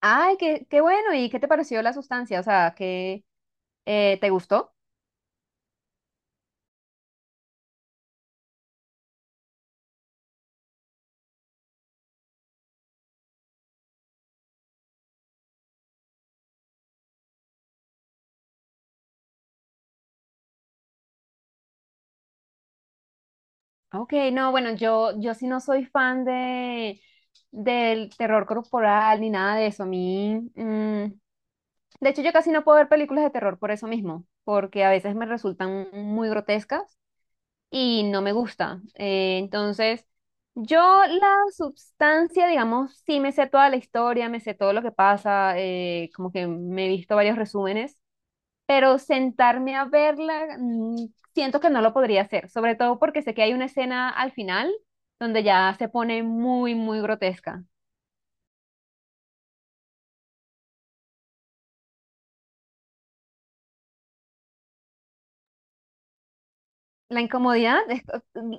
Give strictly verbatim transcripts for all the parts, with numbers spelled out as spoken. Ay, qué, qué bueno. ¿Y qué te pareció la sustancia? O sea, ¿qué eh, te gustó? Ok, no, bueno, yo, yo sí no soy fan de, del terror corporal ni nada de eso. A mí, mm, de hecho, yo casi no puedo ver películas de terror por eso mismo, porque a veces me resultan muy grotescas y no me gusta. Eh, entonces, yo la sustancia, digamos, sí me sé toda la historia, me sé todo lo que pasa, eh, como que me he visto varios resúmenes, pero sentarme a verla, mm, siento que no lo podría hacer, sobre todo porque sé que hay una escena al final donde ya se pone muy, muy grotesca. La incomodidad es eh,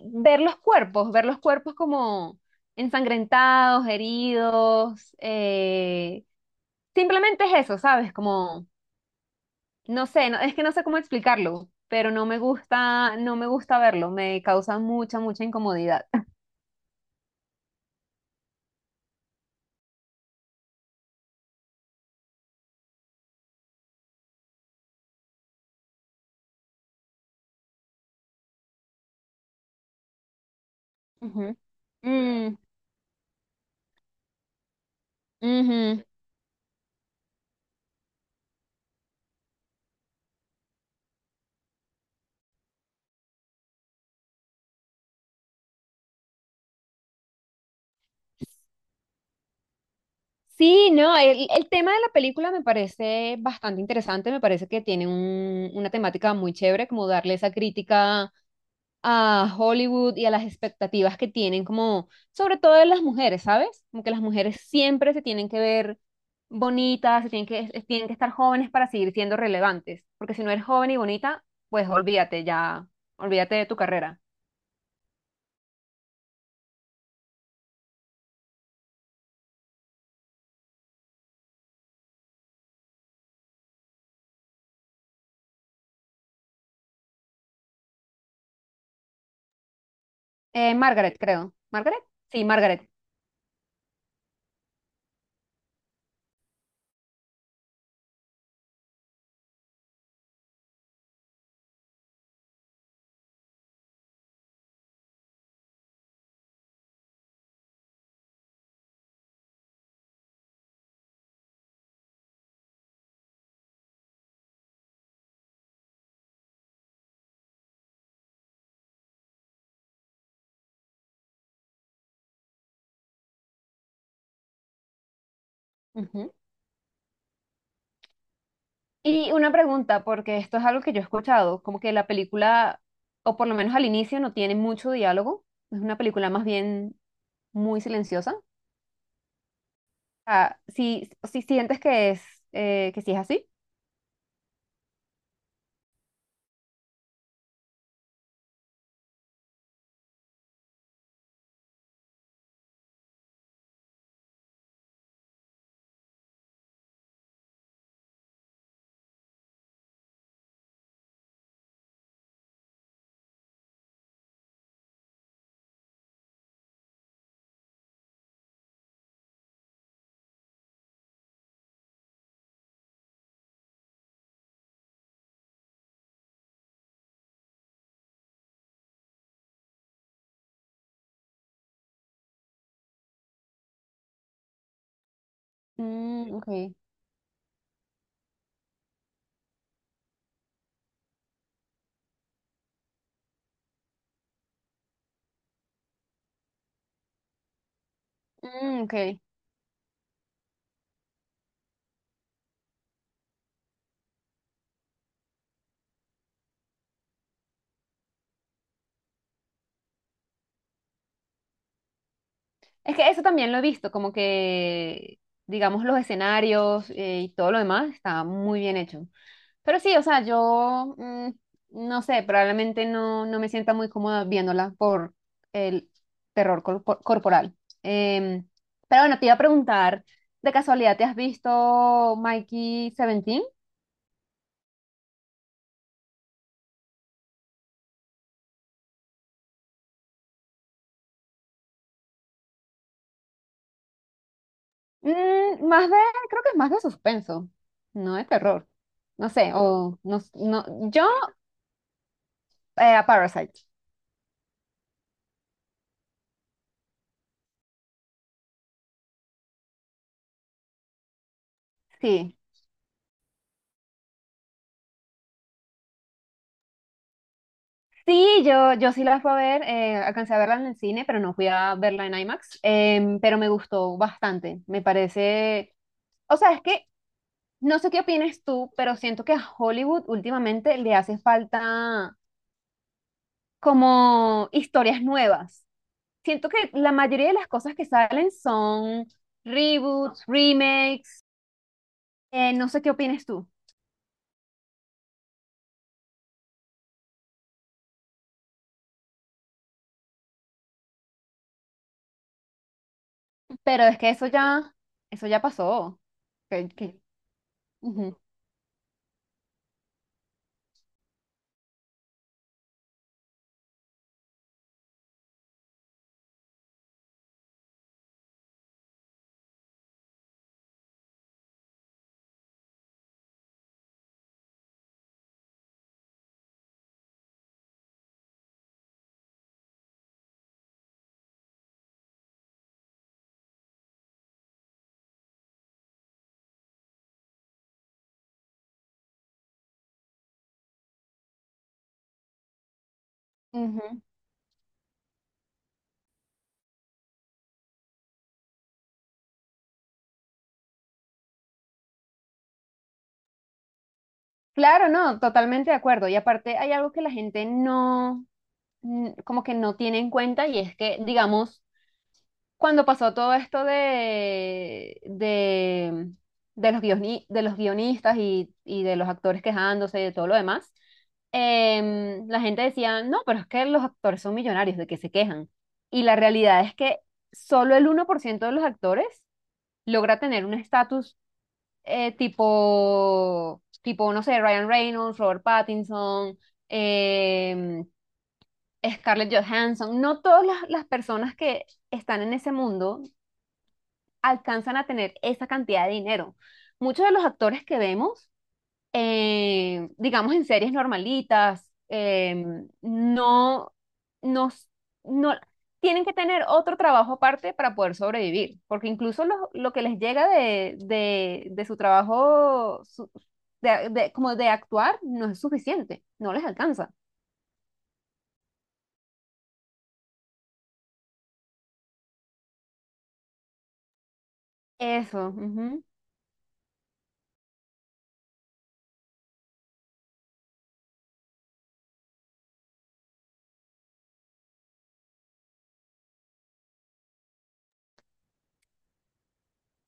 ver los cuerpos, ver los cuerpos como ensangrentados, heridos, eh, simplemente es eso, ¿sabes? Como, no sé, no- es que no sé cómo explicarlo, pero no me gusta, no me gusta verlo, me causa mucha, mucha incomodidad. Ujú. Mm, ujú. Sí, no, el, el tema de la película me parece bastante interesante, me parece que tiene un- una temática muy chévere, como darle esa crítica a Hollywood y a las expectativas que tienen, como sobre todo de las mujeres, ¿sabes? Como que las mujeres siempre se tienen que ver bonitas, se tienen que, es- tienen que estar jóvenes para seguir siendo relevantes, porque si no eres joven y bonita, pues olvídate ya, olvídate de tu carrera. Eh, Margaret, creo. ¿Margaret? Sí, Margaret. Ujú. Y una pregunta, porque esto es algo que yo he escuchado, como que la película, o por lo menos al inicio, no tiene mucho diálogo, es una película más bien muy silenciosa. Ah, si, si sientes que es, eh, que sí es así. Mm, ok. Mm, ok. Es que eso también lo he visto, como que, digamos, los escenarios, eh, y todo lo demás está muy bien hecho. Pero sí, o sea, yo mm, no sé, probablemente no, no me sienta muy cómoda viéndola por el terror cor- corporal. Em, pero bueno, te iba a preguntar, ¿de casualidad te has visto Mikey diecisiete? Mm, más de, Creo que es más de suspenso, no de terror. No sé, o no, no yo eh, a Parasite. Sí, sí, yo, yo sí la fui a ver, eh, alcancé a verla en el cine, pero no fui a verla en IMAX, em, pero me gustó bastante, me parece, o sea, es que no sé qué opinas tú, pero siento que a Hollywood últimamente le hace falta como historias nuevas. Siento que la mayoría de las cosas que salen son reboots, remakes, eh, no sé qué opinas tú, pero es que eso ya, eso ya pasó. Que, que- Ujú, ujú. Claro, no, totalmente de acuerdo. Y aparte hay algo que la gente no, n- como que no tiene en cuenta, y es que, digamos, cuando pasó todo esto de, de, de los guioni- de los guionistas y, y de los actores quejándose y de todo lo demás, em, la gente decía, no, pero es que los actores son millonarios, ¿de que se quejan? Y la realidad es que solo el uno por ciento de los actores logra tener un estatus eh, tipo, tipo, no sé, Ryan Reynolds, Robert Pattinson, em, Scarlett Johansson, no todas las, las personas que están en ese mundo alcanzan a tener esa cantidad de dinero. Muchos de los actores que vemos eh, digamos, en series normalitas, eh, no, no, no, tienen que tener otro trabajo aparte para poder sobrevivir, porque incluso lo, lo que les llega de, de, de su trabajo, su- de, de- como de actuar, no es suficiente, no les alcanza. Eso. Ujú.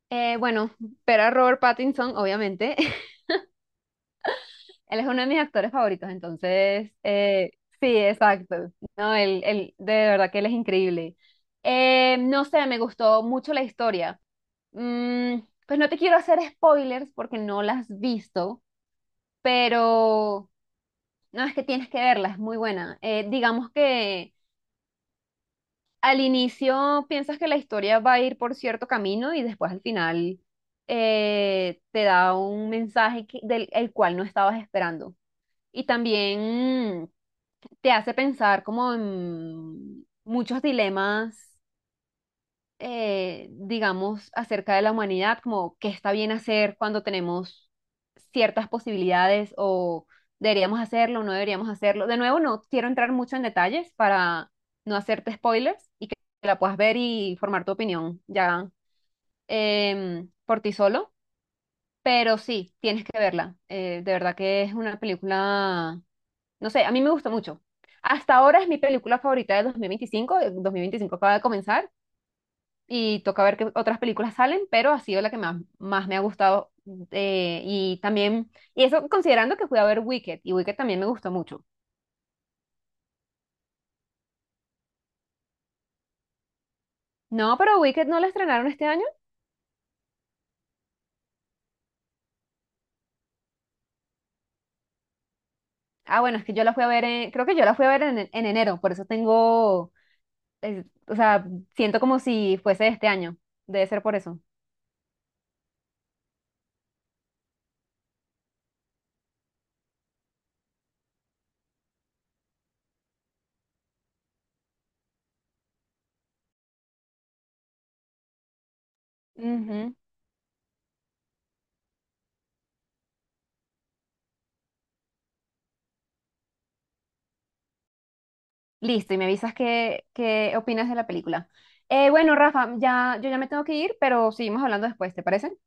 Eh, bueno, ver a Robert Pattinson, obviamente. Él es uno de mis actores favoritos, entonces, eh, sí, exacto. No, él, él- de verdad que él es increíble. Eh, no sé, me gustó mucho la historia. Mm, pues no te quiero hacer spoilers porque no las has visto, pero no, es que tienes que verla, es muy buena. Eh, digamos que al inicio piensas que la historia va a ir por cierto camino y después al final eh, te da un mensaje que- del el cual no estabas esperando. Y también... mm, te hace pensar como en muchos dilemas, eh, digamos, acerca de la humanidad, como qué está bien hacer cuando tenemos ciertas posibilidades o deberíamos hacerlo, no deberíamos hacerlo. De nuevo, no quiero entrar mucho en detalles para no hacerte spoilers y que la puedas ver y formar tu opinión ya em, por ti solo, pero sí, tienes que verla. Eh, de verdad que es una película, no sé, a mí me gusta mucho. Hasta ahora es mi película favorita de dos mil veinticinco. El dos mil veinticinco acaba de comenzar y toca ver qué otras películas salen, pero ha sido la que más, más me ha gustado. Eh, y también, y eso considerando que fui a ver Wicked, y Wicked también me gustó mucho. No, pero Wicked no la estrenaron este año. Ah, bueno, es que yo la fui a ver, en- creo que yo la fui a ver en, en enero, por eso tengo, eh, o sea, siento como si fuese de este año. Debe ser por eso. Listo, y me avisas qué, qué opinas de la película. Eh, bueno, Rafa, ya, yo ya me tengo que ir, pero seguimos hablando después, ¿te parece?